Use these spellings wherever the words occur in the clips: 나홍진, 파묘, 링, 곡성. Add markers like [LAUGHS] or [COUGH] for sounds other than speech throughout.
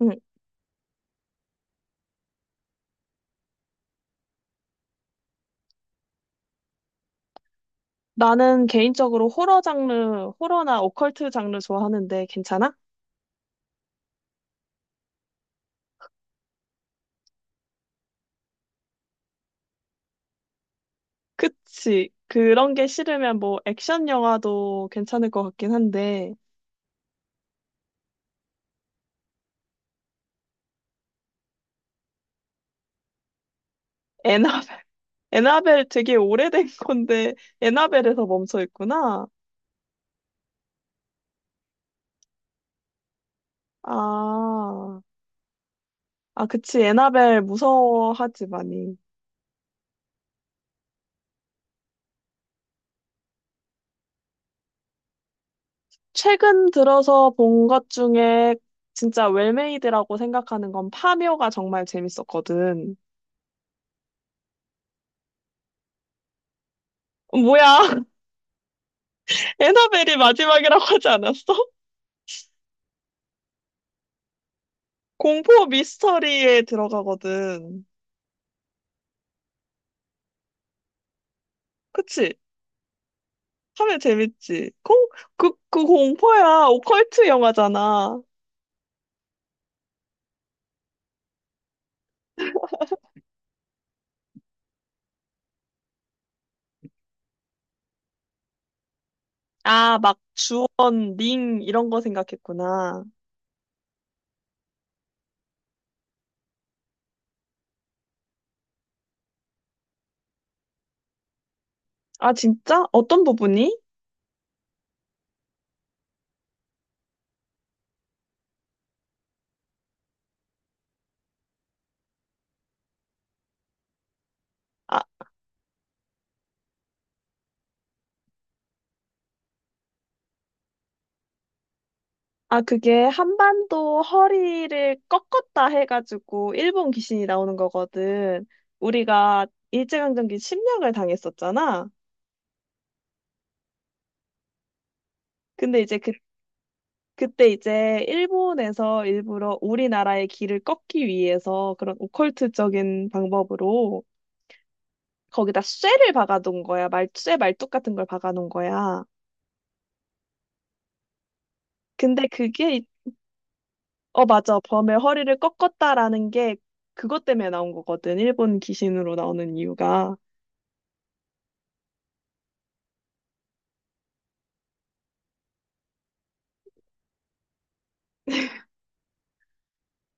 응. 나는 개인적으로 호러 장르, 호러나 오컬트 장르 좋아하는데 괜찮아? 그치. 그런 게 싫으면 뭐 액션 영화도 괜찮을 것 같긴 한데, 에나벨, [LAUGHS] 에나벨 되게 오래된 건데, 에나벨에서 멈춰 있구나. 아, 아, 그치. 에나벨 무서워하지, 많이. 최근 들어서 본 것 중에 진짜 웰메이드라고 생각하는 건 파묘가 정말 재밌었거든. 어, 뭐야, [LAUGHS] 에나벨이 마지막이라고 하지 않았어? 공포 미스터리에 들어가거든. 그치? 하면 재밌지. 공, 그, 그 공포야. 오컬트 영화잖아. 아, 막 주원, 링, 이런 거 생각했구나. 아, 진짜? 어떤 부분이? 아, 아, 그게 한반도 허리를 꺾었다 해가지고 일본 귀신이 나오는 거거든. 우리가 일제강점기 침략을 당했었잖아. 근데 이제 그 그때 이제 일본에서 일부러 우리나라의 길을 꺾기 위해서 그런 오컬트적인 방법으로 거기다 쇠를 박아놓은 거야. 말, 쇠 말뚝 같은 걸 박아놓은 거야. 근데 그게, 어, 맞아. 범의 허리를 꺾었다라는 게 그것 때문에 나온 거거든. 일본 귀신으로 나오는 이유가.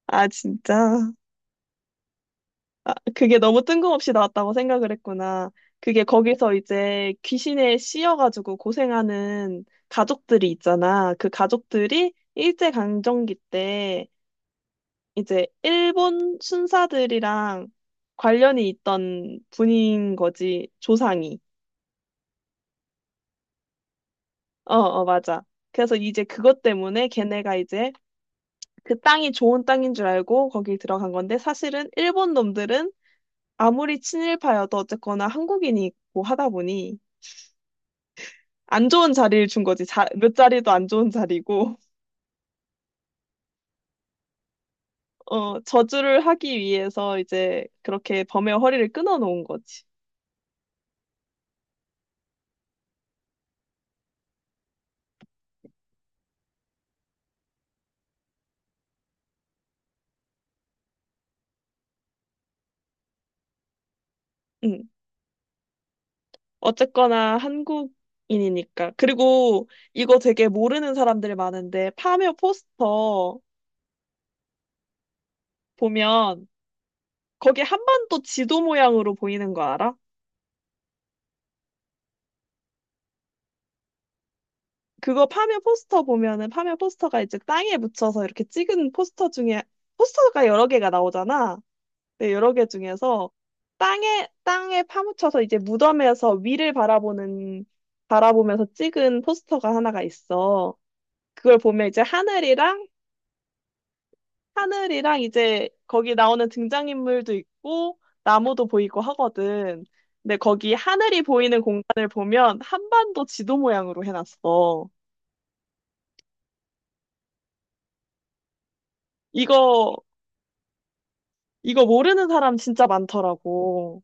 아, 진짜. 아, 그게 너무 뜬금없이 나왔다고 생각을 했구나. 그게 거기서 이제 귀신에 씌여가지고 고생하는 가족들이 있잖아. 그 가족들이 일제강점기 때 이제 일본 순사들이랑 관련이 있던 분인 거지, 조상이. 어, 어, 맞아. 그래서 이제 그것 때문에 걔네가 이제 그 땅이 좋은 땅인 줄 알고 거기 들어간 건데 사실은 일본 놈들은 아무리 친일파여도 어쨌거나 한국인이고 하다 보니 안 좋은 자리를 준 거지. 자, 몇 자리도 안 좋은 자리고. [LAUGHS] 어, 저주를 하기 위해서 이제 그렇게 범의 허리를 끊어 놓은 거지. 응. 어쨌거나 한국인이니까. 그리고 이거 되게 모르는 사람들이 많은데 파묘 포스터 보면 거기 한반도 지도 모양으로 보이는 거 알아? 그거 파묘 포스터 보면은 파묘 포스터가 이제 땅에 묻혀서 이렇게 찍은 포스터 중에 포스터가 여러 개가 나오잖아. 네, 여러 개 중에서 땅에 파묻혀서 이제 무덤에서 위를 바라보는, 바라보면서 찍은 포스터가 하나가 있어. 그걸 보면 이제 하늘이랑, 하늘이랑 이제 거기 나오는 등장인물도 있고, 나무도 보이고 하거든. 근데 거기 하늘이 보이는 공간을 보면 한반도 지도 모양으로 해놨어. 이거, 이거 모르는 사람 진짜 많더라고.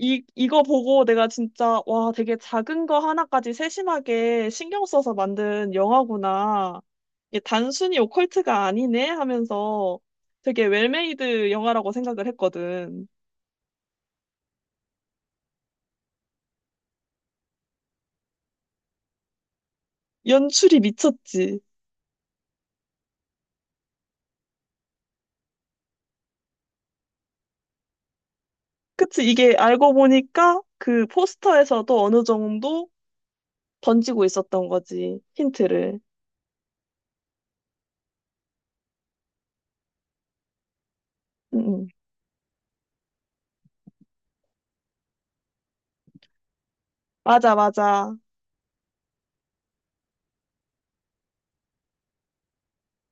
이거 보고 내가 진짜, 와, 되게 작은 거 하나까지 세심하게 신경 써서 만든 영화구나. 이게 단순히 오컬트가 아니네 하면서 되게 웰메이드 영화라고 생각을 했거든. 연출이 미쳤지. 그치, 이게 알고 보니까 그 포스터에서도 어느 정도 던지고 있었던 거지. 힌트를. 응, 응. 맞아, 맞아.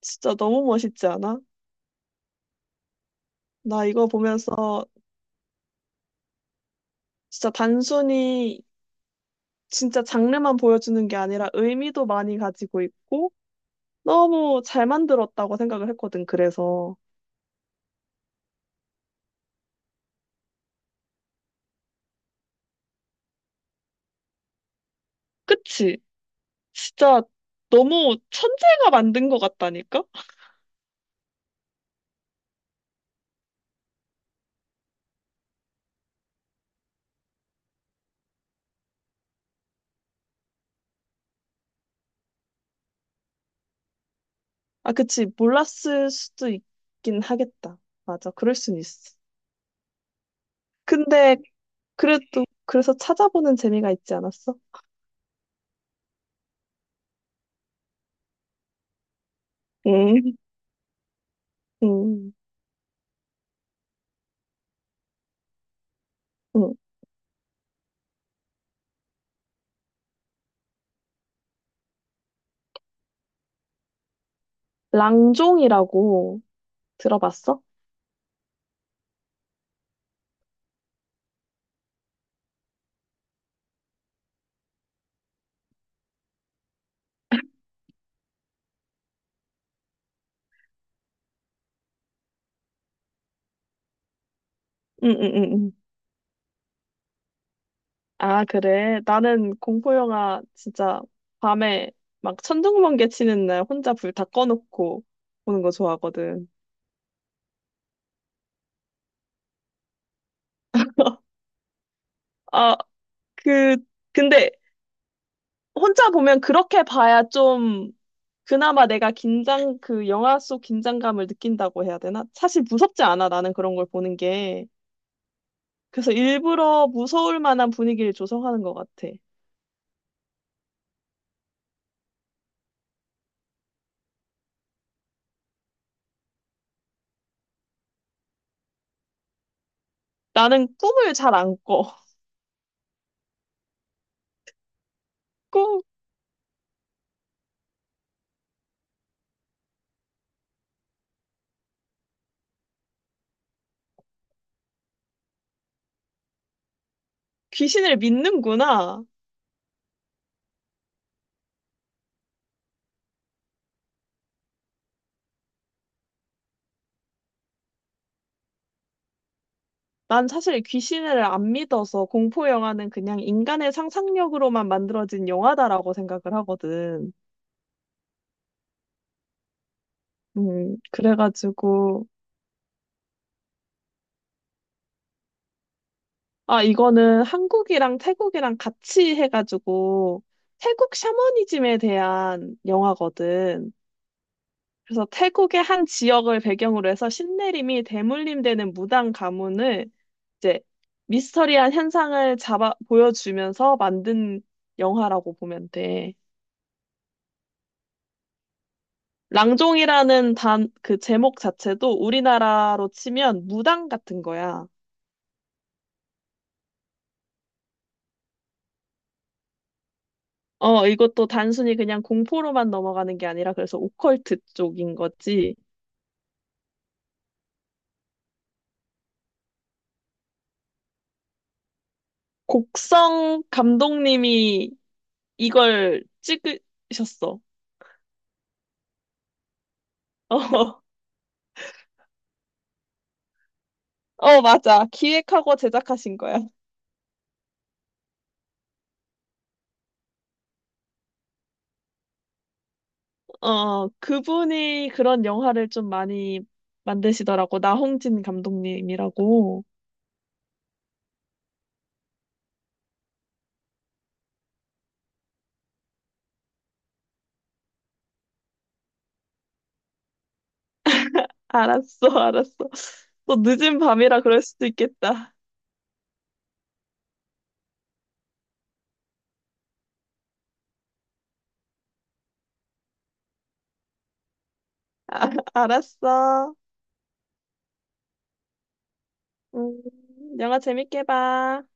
진짜 너무 멋있지 않아? 나 이거 보면서 진짜 단순히 진짜 장르만 보여주는 게 아니라 의미도 많이 가지고 있고 너무 잘 만들었다고 생각을 했거든. 그래서 그치? 진짜 너무 천재가 만든 것 같다니까? 아, 그치. 몰랐을 수도 있긴 하겠다. 맞아. 그럴 순 있어. 근데 그래도 그래서 찾아보는 재미가 있지 않았어? 응, 응, 응. 랑종이라고 들어봤어? 응, 응, 응, 응. 아, 그래. 나는 공포 영화 진짜 밤에 막 천둥번개 치는 날 혼자 불 다 꺼놓고 보는 거 좋아하거든. 아, 그, 근데 혼자 보면 그렇게 봐야 좀 그나마 내가 긴장, 그 영화 속 긴장감을 느낀다고 해야 되나? 사실 무섭지 않아, 나는 그런 걸 보는 게. 그래서 일부러 무서울 만한 분위기를 조성하는 것 같아. 나는 꿈을 잘 안 꿔. [LAUGHS] 꿈, 귀신을 믿는구나. 난 사실 귀신을 안 믿어서 공포 영화는 그냥 인간의 상상력으로만 만들어진 영화다라고 생각을 하거든. 그래가지고, 아, 이거는 한국이랑 태국이랑 같이 해가지고, 태국 샤머니즘에 대한 영화거든. 그래서 태국의 한 지역을 배경으로 해서 신내림이 대물림되는 무당 가문을 이제 미스터리한 현상을 잡아, 보여주면서 만든 영화라고 보면 돼. 랑종이라는 단, 그 제목 자체도 우리나라로 치면 무당 같은 거야. 어, 이것도 단순히 그냥 공포로만 넘어가는 게 아니라 그래서 오컬트 쪽인 거지. 곡성 감독님이 이걸 찍으셨어. 어, [LAUGHS] 어, 맞아. 기획하고 제작하신 거야. 어, 그분이 그런 영화를 좀 많이 만드시더라고. 나홍진 감독님이라고. 알았어, [LAUGHS] 알았어. 또 늦은 밤이라 그럴 수도 있겠다. [LAUGHS] 아, 알았어. 음, 영화 재밌게 봐.